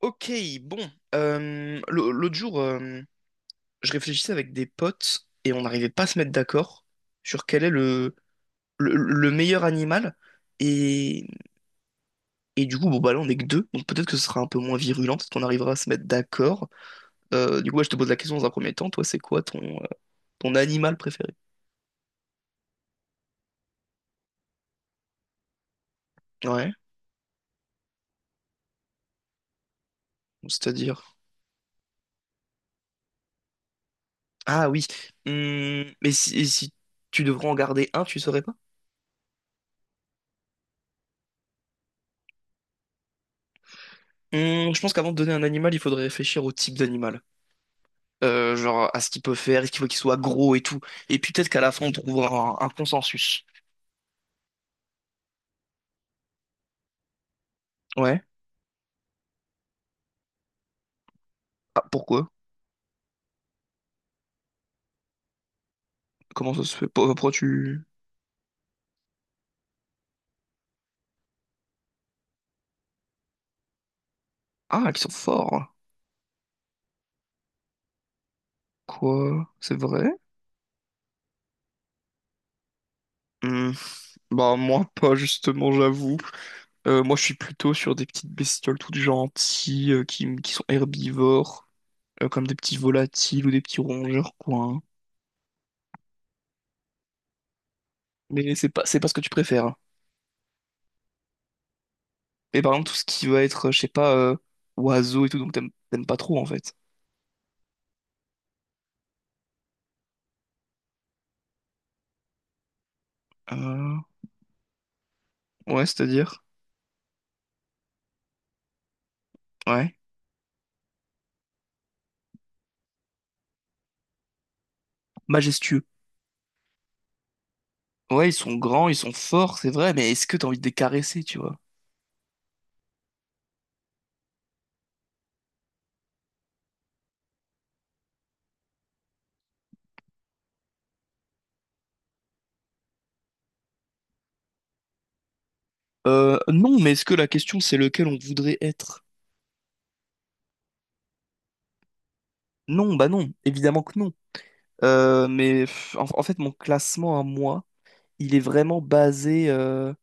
Ok, bon. L'autre jour, je réfléchissais avec des potes et on n'arrivait pas à se mettre d'accord sur quel est le meilleur animal. Et, et du coup, bon, bah là, on n'est que deux, donc peut-être que ce sera un peu moins virulent, peut-être qu'on arrivera à se mettre d'accord. Du coup, ouais, je te pose la question dans un premier temps. Toi, c'est quoi ton animal préféré? Ouais, c'est-à-dire. Ah oui. Mais si, et si tu devrais en garder un, tu saurais pas? Je pense qu'avant de donner un animal, il faudrait réfléchir au type d'animal. Genre à ce qu'il peut faire, est-ce qu'il faut qu'il soit gros et tout. Et puis peut-être qu'à la fin, on trouvera un consensus. Ouais. Ah, pourquoi? Comment ça se fait? Pourquoi tu... Ah, qu'ils sont forts. Quoi? C'est vrai? Hmm. Bah moi pas justement j'avoue. Moi je suis plutôt sur des petites bestioles toutes gentilles qui sont herbivores, comme des petits volatiles ou des petits rongeurs quoi, hein. Mais c'est pas ce que tu préfères, hein. Et par exemple tout ce qui va être je sais pas, oiseau et tout donc t'aimes pas trop en fait. Euh, ouais, c'est-à-dire. Ouais. Majestueux. Ouais, ils sont grands, ils sont forts, c'est vrai, mais est-ce que t'as envie de les caresser, tu vois? Non, mais est-ce que la question c'est lequel on voudrait être? Non, bah non, évidemment que non. Mais pff, en fait, mon classement à moi, il est vraiment basé,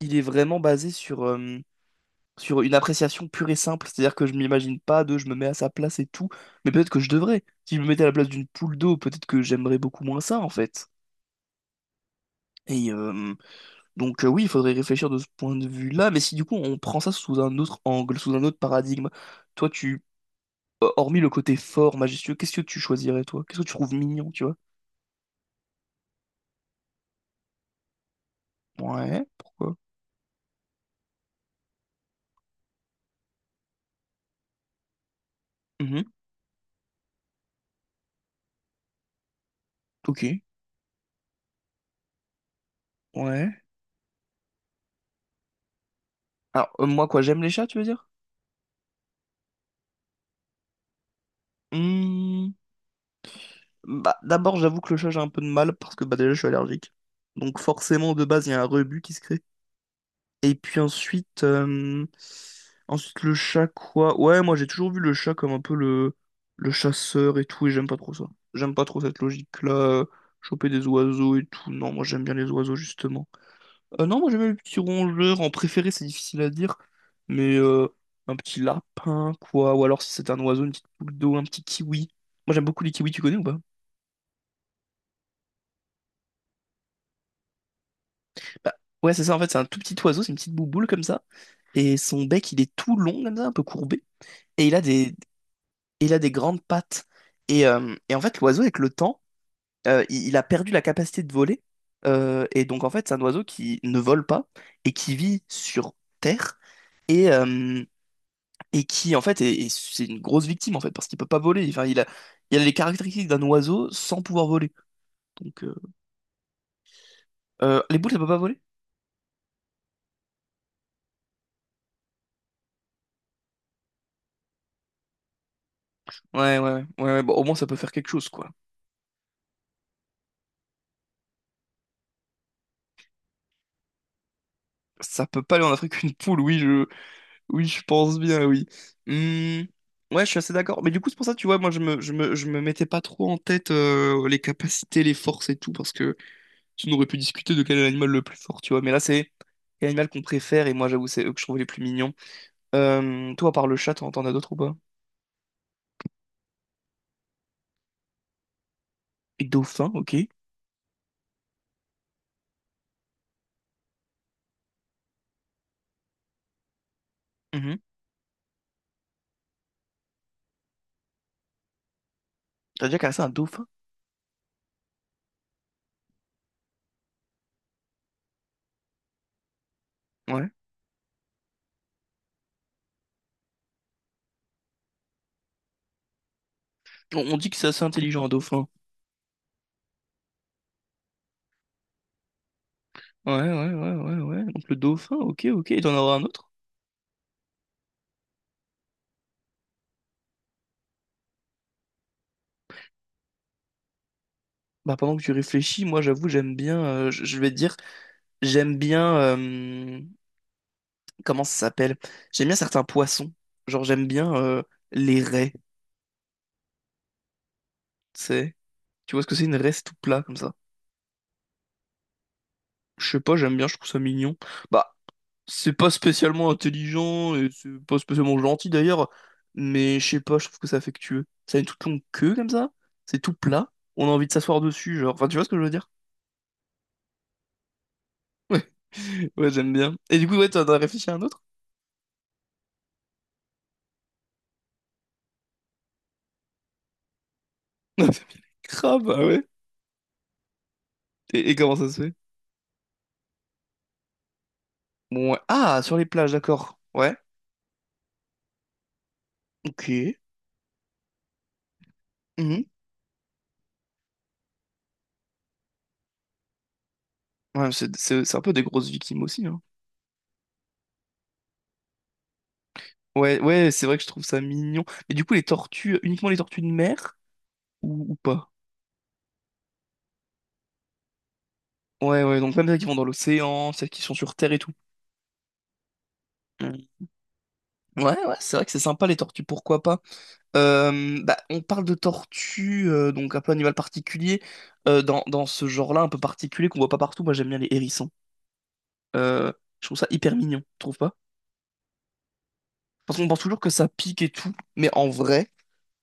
il est vraiment basé sur, euh, sur une appréciation pure et simple. C'est-à-dire que je m'imagine pas de, je me mets à sa place et tout. Mais peut-être que je devrais. Si je me mettais à la place d'une poule d'eau, peut-être que j'aimerais beaucoup moins ça, en fait. Et, euh, Donc oui, il faudrait réfléchir de ce point de vue-là, mais si du coup on prend ça sous un autre angle, sous un autre paradigme, toi, hormis le côté fort, majestueux, qu'est-ce que tu choisirais toi? Qu'est-ce que tu trouves mignon, tu vois? Ouais, pourquoi? Mhm, ok, ouais. Alors moi quoi, j'aime les chats, tu veux dire? Hmm, bah d'abord j'avoue que le chat j'ai un peu de mal parce que bah déjà je suis allergique, donc forcément de base il y a un rebut qui se crée. Et puis ensuite, le chat quoi? Ouais, moi j'ai toujours vu le chat comme un peu le chasseur et tout, et j'aime pas trop ça. J'aime pas trop cette logique-là, choper des oiseaux et tout. Non, moi j'aime bien les oiseaux justement. Non, moi j'aime bien les petits rongeurs. En préféré, c'est difficile à dire, mais un petit lapin quoi, ou alors si c'est un oiseau, une petite boule d'eau, un petit kiwi. Moi j'aime beaucoup les kiwis, tu connais ou pas? Bah, ouais, c'est ça en fait, c'est un tout petit oiseau, c'est une petite bouboule comme ça, et son bec il est tout long comme ça, un peu courbé. Et il a des, il a des grandes pattes. Et en fait, l'oiseau, avec le temps, il a perdu la capacité de voler. Et donc, en fait, c'est un oiseau qui ne vole pas et qui vit sur Terre et, euh, et qui, en fait, est, est- c'est une grosse victime, en fait, parce qu'il peut pas voler. Enfin, il a les caractéristiques d'un oiseau sans pouvoir voler. Donc, euh, les boules, elles peuvent pas voler? Ouais, ouais, ouais, ouais, ouais, bon, au moins, ça peut faire quelque chose, quoi. Ça peut pas aller en Afrique une poule, oui, je pense bien, oui. Hmm, ouais, je suis assez d'accord. Mais du coup, c'est pour ça, tu vois, moi, je me mettais pas trop en tête les capacités, les forces et tout, parce que sinon, on aurait pu discuter de quel est l'animal le plus fort, tu vois. Mais là, c'est l'animal qu'on préfère, et moi, j'avoue, c'est eux que je trouve les plus mignons. Toi, à part le chat, t'en as d'autres ou pas? Et dauphin, ok. Mhm. T'as déjà cassé un dauphin? Ouais. On dit que c'est assez intelligent, un dauphin. Ouais, ouais, ouais, ouais, ouais. Donc, le dauphin, ok, ok. Et t'en auras un autre? Bah, pendant que tu réfléchis, moi, j'avoue, j'aime bien, je vais te dire. J'aime bien. Comment ça s'appelle? J'aime bien certains poissons. Genre, j'aime bien les raies. Tu sais. Tu vois ce que c'est une raie, c'est tout plat comme ça. Je sais pas, j'aime bien, je trouve ça mignon. Bah, c'est pas spécialement intelligent et c'est pas spécialement gentil d'ailleurs. Mais je sais pas, je trouve que c'est affectueux. Ça a une toute longue queue comme ça. C'est tout plat. On a envie de s'asseoir dessus, genre. Enfin, tu vois ce que je veux dire? Ouais, ouais, j'aime bien. Et du coup, ouais, t'en as réfléchi à un autre? Non, crabe, ah ouais. Et comment ça se fait? Bon, ouais. Ah, sur les plages, d'accord. Ouais. Ok. Mhm. Ouais, c'est un peu des grosses victimes aussi, hein. Ouais, ouais, c'est vrai que je trouve ça mignon. Mais du coup, les tortues, uniquement les tortues de mer ou pas? Ouais, ouais, donc même celles qui vont dans l'océan, celles qui sont sur Terre et tout. Mhm. Ouais, ouais, c'est vrai que c'est sympa les tortues, pourquoi pas? Bah, on parle de tortues, donc un peu animal particulier, dans ce genre-là, un peu particulier qu'on voit pas partout. Moi, j'aime bien les hérissons. Euh, je trouve ça hyper mignon, tu trouves pas? Parce qu'on pense toujours que ça pique et tout, mais en vrai.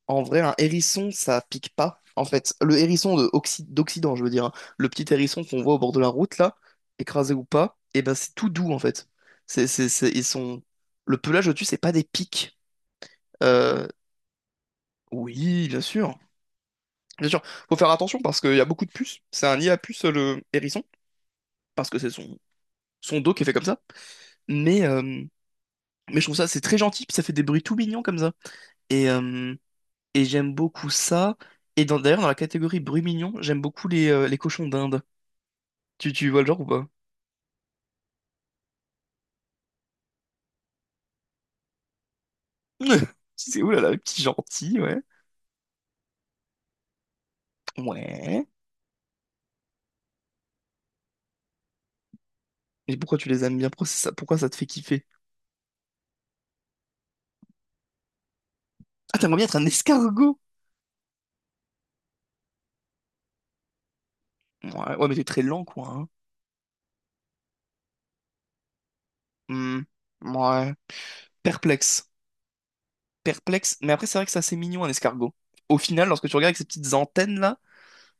En vrai, un hérisson, ça pique pas. En fait, le hérisson d'Occident, je veux dire, hein. Le petit hérisson qu'on voit au bord de la route, là, écrasé ou pas, et ben c'est tout doux, en fait. Ils sont... Le pelage au-dessus, c'est pas des pics. Euh, Oui, bien sûr. Bien sûr, faut faire attention parce qu'il y a beaucoup de puces. C'est un nid à puces, le hérisson, parce que c'est son... son dos qui est fait comme ça. Mais je trouve ça, c'est très gentil, puis ça fait des bruits tout mignons comme ça. Et, euh, et j'aime beaucoup ça. D'ailleurs, dans la catégorie bruit mignon, j'aime beaucoup les cochons d'Inde. Tu vois le genre ou pas? C'est oulala, petit gentil, ouais. Ouais. Mais pourquoi tu les aimes bien? Pourquoi ça te fait kiffer? Ah, t'aimerais bien être un escargot? Ouais, ouais, mais t'es très lent, quoi, hein. Hmm, ouais. Perplexe. Perplexe. Mais après, c'est vrai que c'est assez mignon, un escargot. Au final, lorsque tu regardes avec ces petites antennes-là,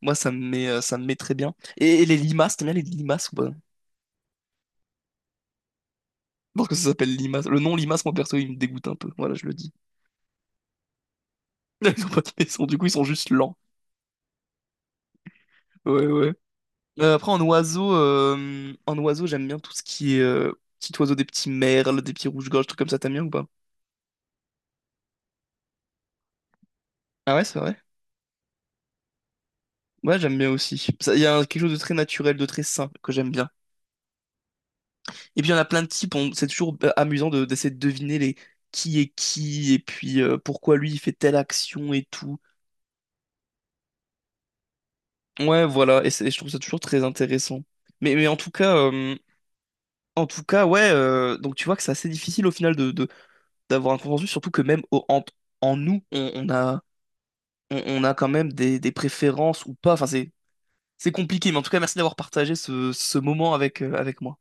moi, ça me met très bien. Et les limaces, t'aimes bien les limaces ou pas? Parce que ça s'appelle limace. Le nom limace, moi, perso, il me dégoûte un peu. Voilà, je le dis. Ils ont pas de maison, du coup, ils sont juste lents. Ouais, ouais. Après, en oiseau, j'aime bien tout ce qui est petit oiseau, des petits merles, des petits rouges-gorges, trucs comme ça. T'aimes bien ou pas? Ah ouais, c'est vrai. Ouais, j'aime bien aussi. Ça- Il y a un- Quelque chose de très naturel, de très sain que j'aime bien. Et puis, il y en a plein de types. C'est toujours amusant d'essayer de deviner les qui est qui et puis pourquoi lui il fait telle action et tout. Ouais, voilà. Et je trouve ça toujours très intéressant. Mais en tout cas, ouais. Donc, tu vois que c'est assez difficile au final de d'avoir un consensus, surtout que même en nous, on a, on a quand même des préférences ou pas. Enfin, c'est compliqué, mais en tout cas, merci d'avoir partagé ce moment avec, avec moi.